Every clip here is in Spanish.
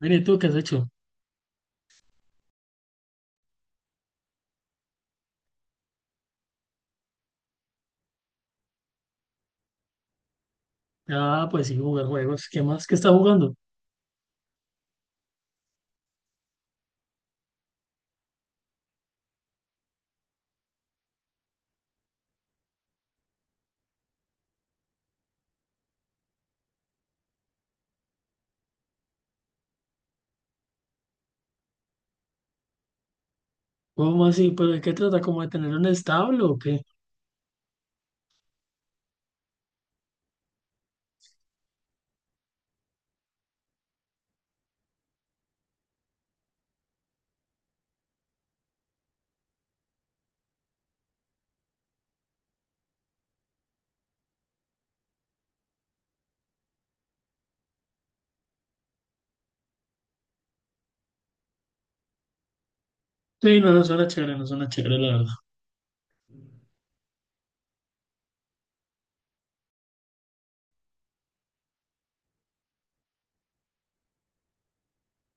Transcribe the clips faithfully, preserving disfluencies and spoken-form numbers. Mire, ¿y tú qué has hecho? Ah, pues sí, jugar juegos. ¿Qué más? ¿Qué está jugando? ¿Cómo así? ¿Pero de qué trata? ¿Como de tener un establo o qué? Sí, no, no suena chévere, no suena chévere, la verdad.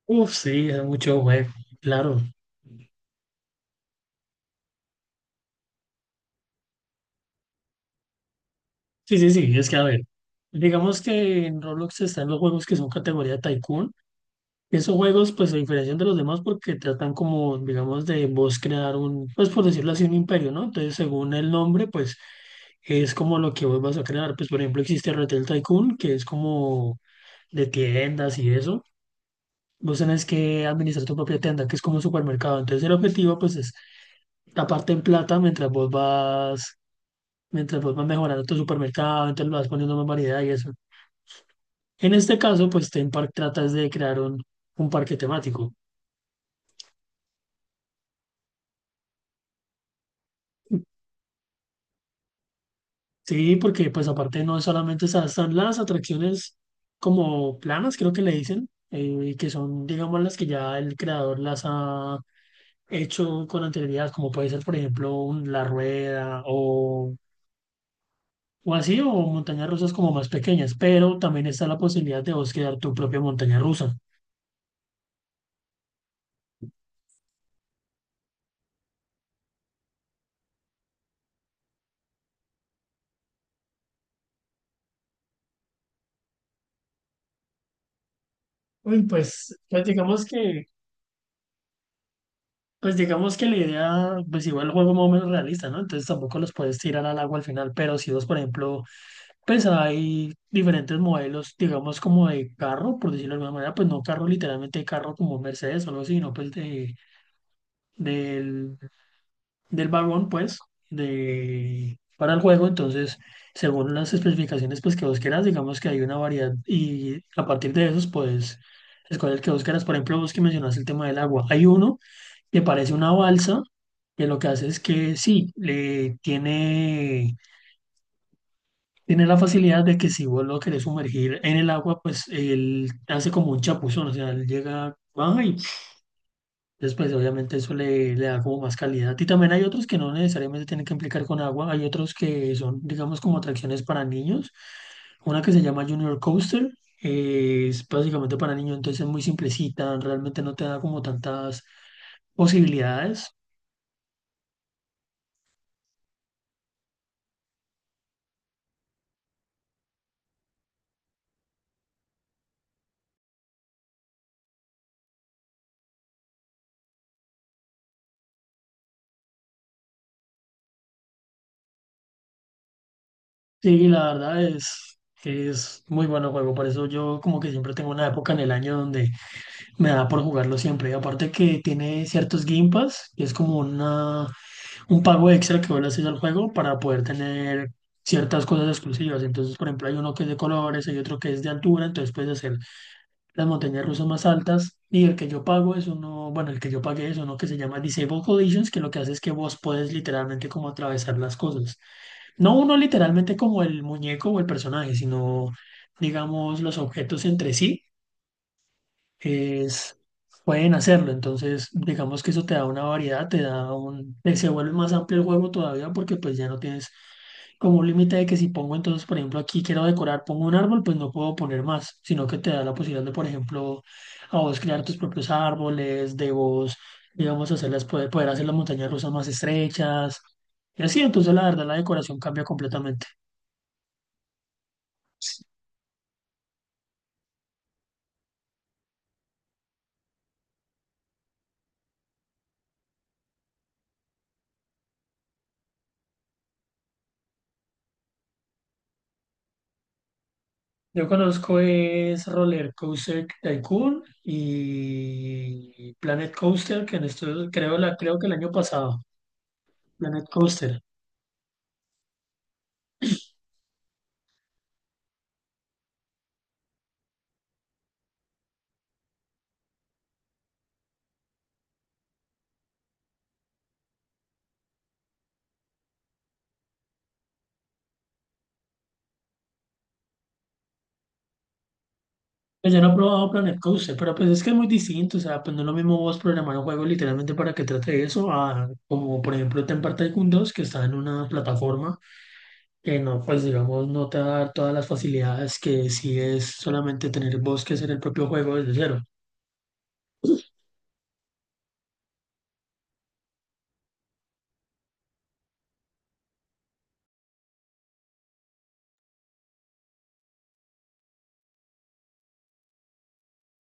Uf, sí, es mucho juego, claro. Sí, sí, sí, es que a ver, digamos que en Roblox están los juegos que son categoría Tycoon. Esos juegos, pues, se diferencian de los demás porque tratan como, digamos, de vos crear un, pues, por decirlo así, un imperio, ¿no? Entonces, según el nombre, pues, es como lo que vos vas a crear. Pues, por ejemplo, existe Retail Tycoon, que es como de tiendas y eso, vos tenés que administrar tu propia tienda, que es como un supermercado. Entonces el objetivo pues es taparte en plata mientras vos vas, mientras vos vas mejorando tu supermercado, entonces lo vas poniendo más variedad y eso. En este caso, pues Theme Park tratas de crear un, un parque temático. Sí, porque pues aparte no solamente o están las atracciones como planas, creo que le dicen, eh, que son digamos las que ya el creador las ha hecho con anterioridad, como puede ser por ejemplo un- la rueda o O así, o montañas rusas como más pequeñas, pero también está la posibilidad de vos crear tu propia montaña rusa. Uy, pues, pues digamos que, pues digamos que la idea, pues igual el juego más o menos realista, ¿no? Entonces tampoco los puedes tirar al agua al final, pero si vos, por ejemplo, pues hay diferentes modelos, digamos como de carro, por decirlo de alguna manera, pues no carro literalmente carro como Mercedes o algo así, sino pues de, del del vagón, pues, de, para el juego. Entonces, según las especificaciones, pues, que vos quieras, digamos que hay una variedad y a partir de esos, pues, escoger el que vos quieras. Por ejemplo, vos que mencionaste el tema del agua. Hay uno que parece una balsa, que lo que hace es que sí, le tiene, tiene la facilidad de que si vos lo querés sumergir en el agua, pues, él hace como un chapuzón, o sea, él llega, baja y después, obviamente, eso le, le da como más calidad. Y también hay otros que no necesariamente tienen que implicar con agua. Hay otros que son, digamos, como atracciones para niños. Una que se llama Junior Coaster. Eh, es básicamente para niños, entonces es muy simplecita. Realmente no te da como tantas posibilidades. Sí, la verdad es, es muy bueno juego. Por eso yo como que siempre tengo una época en el año donde me da por jugarlo siempre. Y aparte que tiene ciertos Game Pass, que es como una, un pago extra que vos le haces al juego para poder tener ciertas cosas exclusivas. Entonces, por ejemplo, hay uno que es de colores, hay otro que es de altura, entonces puedes hacer las montañas rusas más altas. Y el que yo pago es uno, bueno, el que yo pagué es uno que se llama Disable Collisions, que lo que hace es que vos puedes literalmente como atravesar las cosas. No uno literalmente como el muñeco o el personaje, sino digamos los objetos entre sí es, pueden hacerlo. Entonces, digamos que eso te da una variedad, te da un, te- se vuelve más amplio el juego todavía porque pues ya no tienes como un límite de que si pongo entonces, por ejemplo, aquí quiero decorar, pongo un árbol, pues no puedo poner más, sino que te da la posibilidad de, por ejemplo, a vos crear tus propios árboles, de vos, digamos, hacerlas, poder, poder hacer las montañas rusas más estrechas. Y así, entonces la verdad la decoración cambia completamente. Yo conozco es Roller Coaster Tycoon y Planet Coaster, que en esto creo, la, creo que el año pasado, Planet Coaster. Pues yo no he probado Planet Coaster, pero pues es que es muy distinto, o sea, pues no es lo mismo vos programar un juego literalmente para que trate de eso, a, como por ejemplo Temper Tycoon dos que está en una plataforma que no, pues digamos, no te va a dar todas las facilidades que si es solamente tener vos que hacer el propio juego desde cero.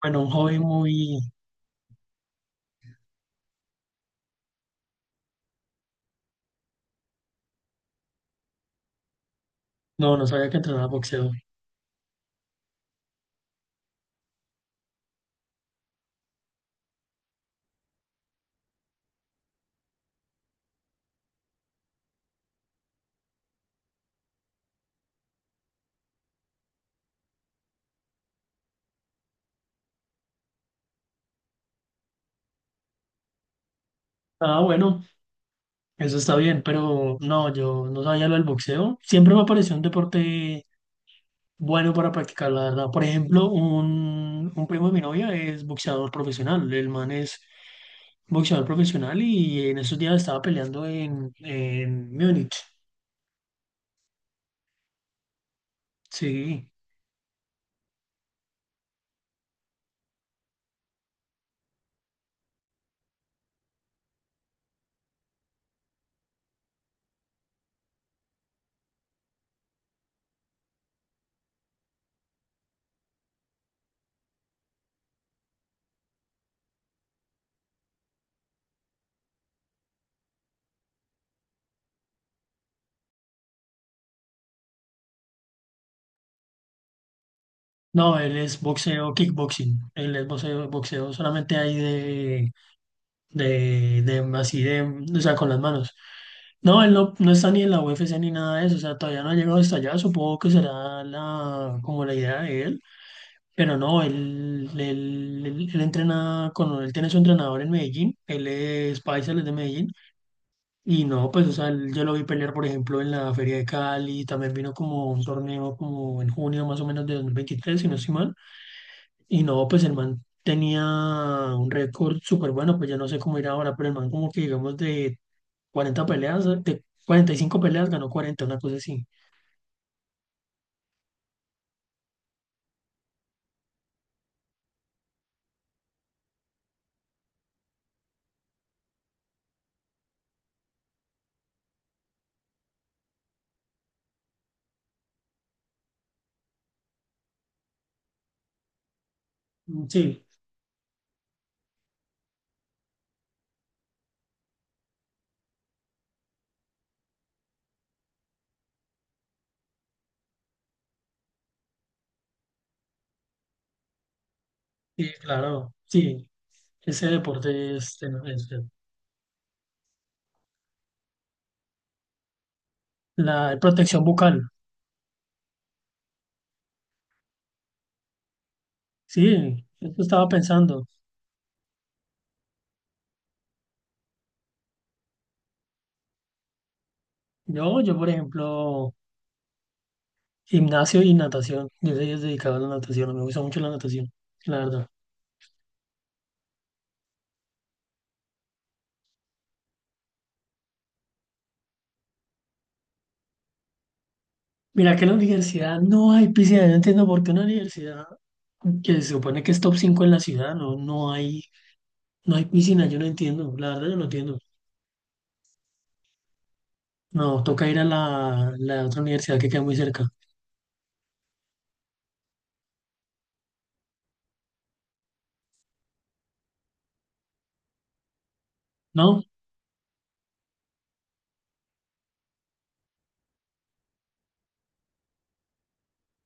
Bueno, un hobby muy... No, no sabía que entrenaba boxeo. Ah, bueno. Eso está bien, pero no, yo no sabía lo del boxeo. Siempre me pareció un deporte bueno para practicar, la verdad. Por ejemplo, un, un primo de mi novia es boxeador profesional. El man es boxeador profesional y en esos días estaba peleando en, en Múnich. Sí. No, él es boxeo, kickboxing. Él es boxeo, boxeo solamente ahí de, de, de, así de, o sea, con las manos. No, él no, no está ni en la U F C ni nada de eso, o sea, todavía no ha llegado hasta allá, supongo que será la, como la idea de él, pero no, él, él, él- él entrena con, él tiene su entrenador en Medellín, él es paisa, él es de Medellín, y no, pues, o sea, él- yo lo vi pelear, por ejemplo, en la Feria de Cali, también vino como un torneo como en junio más o menos de dos mil veintitrés si no estoy mal, y no, pues el man tenía un récord súper bueno, pues ya no sé cómo irá ahora, pero el man como que digamos de cuarenta peleas, de cuarenta y cinco peleas ganó cuarenta una cosa así. Mm, sí, sí, claro, sí, ese deporte es. es- es- la protección bucal, sí, eso estaba pensando. Yo, yo, por ejemplo, gimnasio y natación, yo soy dedicado a la natación, me gusta mucho la natación, la verdad. Mira que en la universidad no hay piscina, yo no entiendo por qué una universidad que se supone que es top cinco en la ciudad, no, no hay, no hay piscina, yo no entiendo, la verdad yo no entiendo. Nos toca ir a la, la otra universidad que queda muy cerca, ¿no?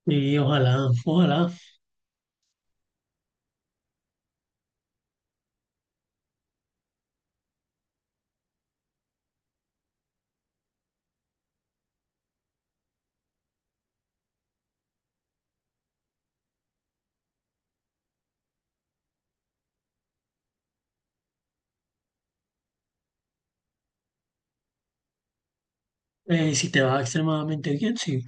Y ojalá, ojalá, eh, si te va extremadamente bien, sí,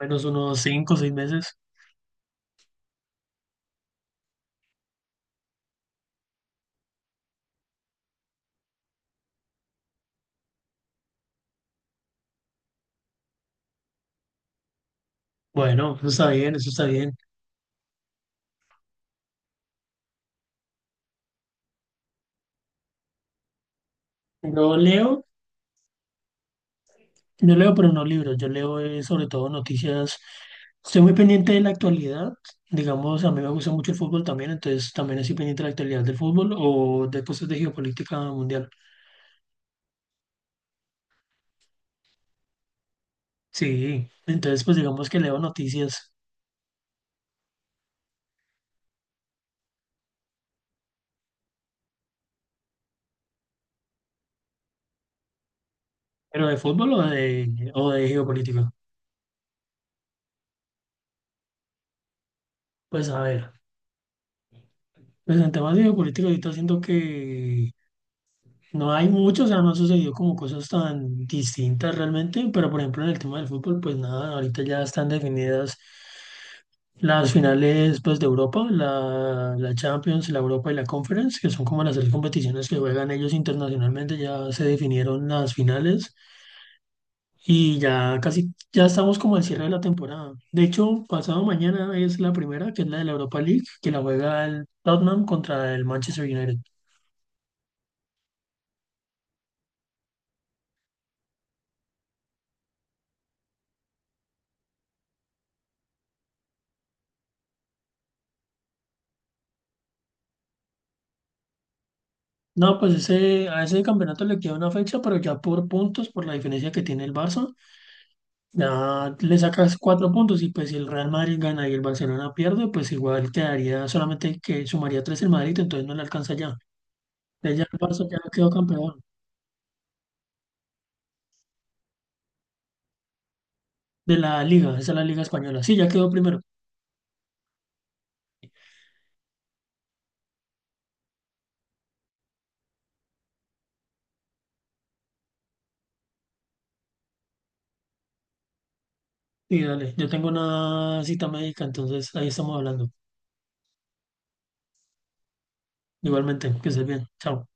menos unos cinco o seis meses. Bueno, eso está bien, eso está bien. No leo, no leo, pero no libros. Yo leo eh, sobre todo noticias. Estoy muy pendiente de la actualidad. Digamos, a mí me gusta mucho el fútbol también, entonces también estoy pendiente de la actualidad del fútbol o de cosas de geopolítica mundial. Sí, entonces pues digamos que leo noticias, pero de fútbol o de, o de geopolítica. Pues a ver, pues en temas de geopolítica ahorita siento que no hay mucho, o sea, no ha sucedido como cosas tan distintas realmente, pero por ejemplo en el tema del fútbol, pues nada, ahorita ya están definidas las finales pues de Europa, la, la Champions, la Europa y la Conference, que son como las tres competiciones que juegan ellos internacionalmente, ya se definieron las finales. Y ya casi, ya estamos como al cierre de la temporada. De hecho, pasado mañana es la primera, que es la de la Europa League, que la juega el Tottenham contra el Manchester United. No, pues ese, a ese campeonato le queda una fecha, pero ya por puntos, por la diferencia que tiene el Barça, ya le sacas cuatro puntos y pues si el Real Madrid gana y el Barcelona pierde, pues igual quedaría solamente que sumaría tres el Madrid, entonces no le alcanza ya. Entonces ya el Barça ya quedó campeón de la Liga, esa es la Liga Española. Sí, ya quedó primero. Sí, dale. Yo tengo una cita médica, entonces ahí estamos hablando. Igualmente, que estés bien. Chao.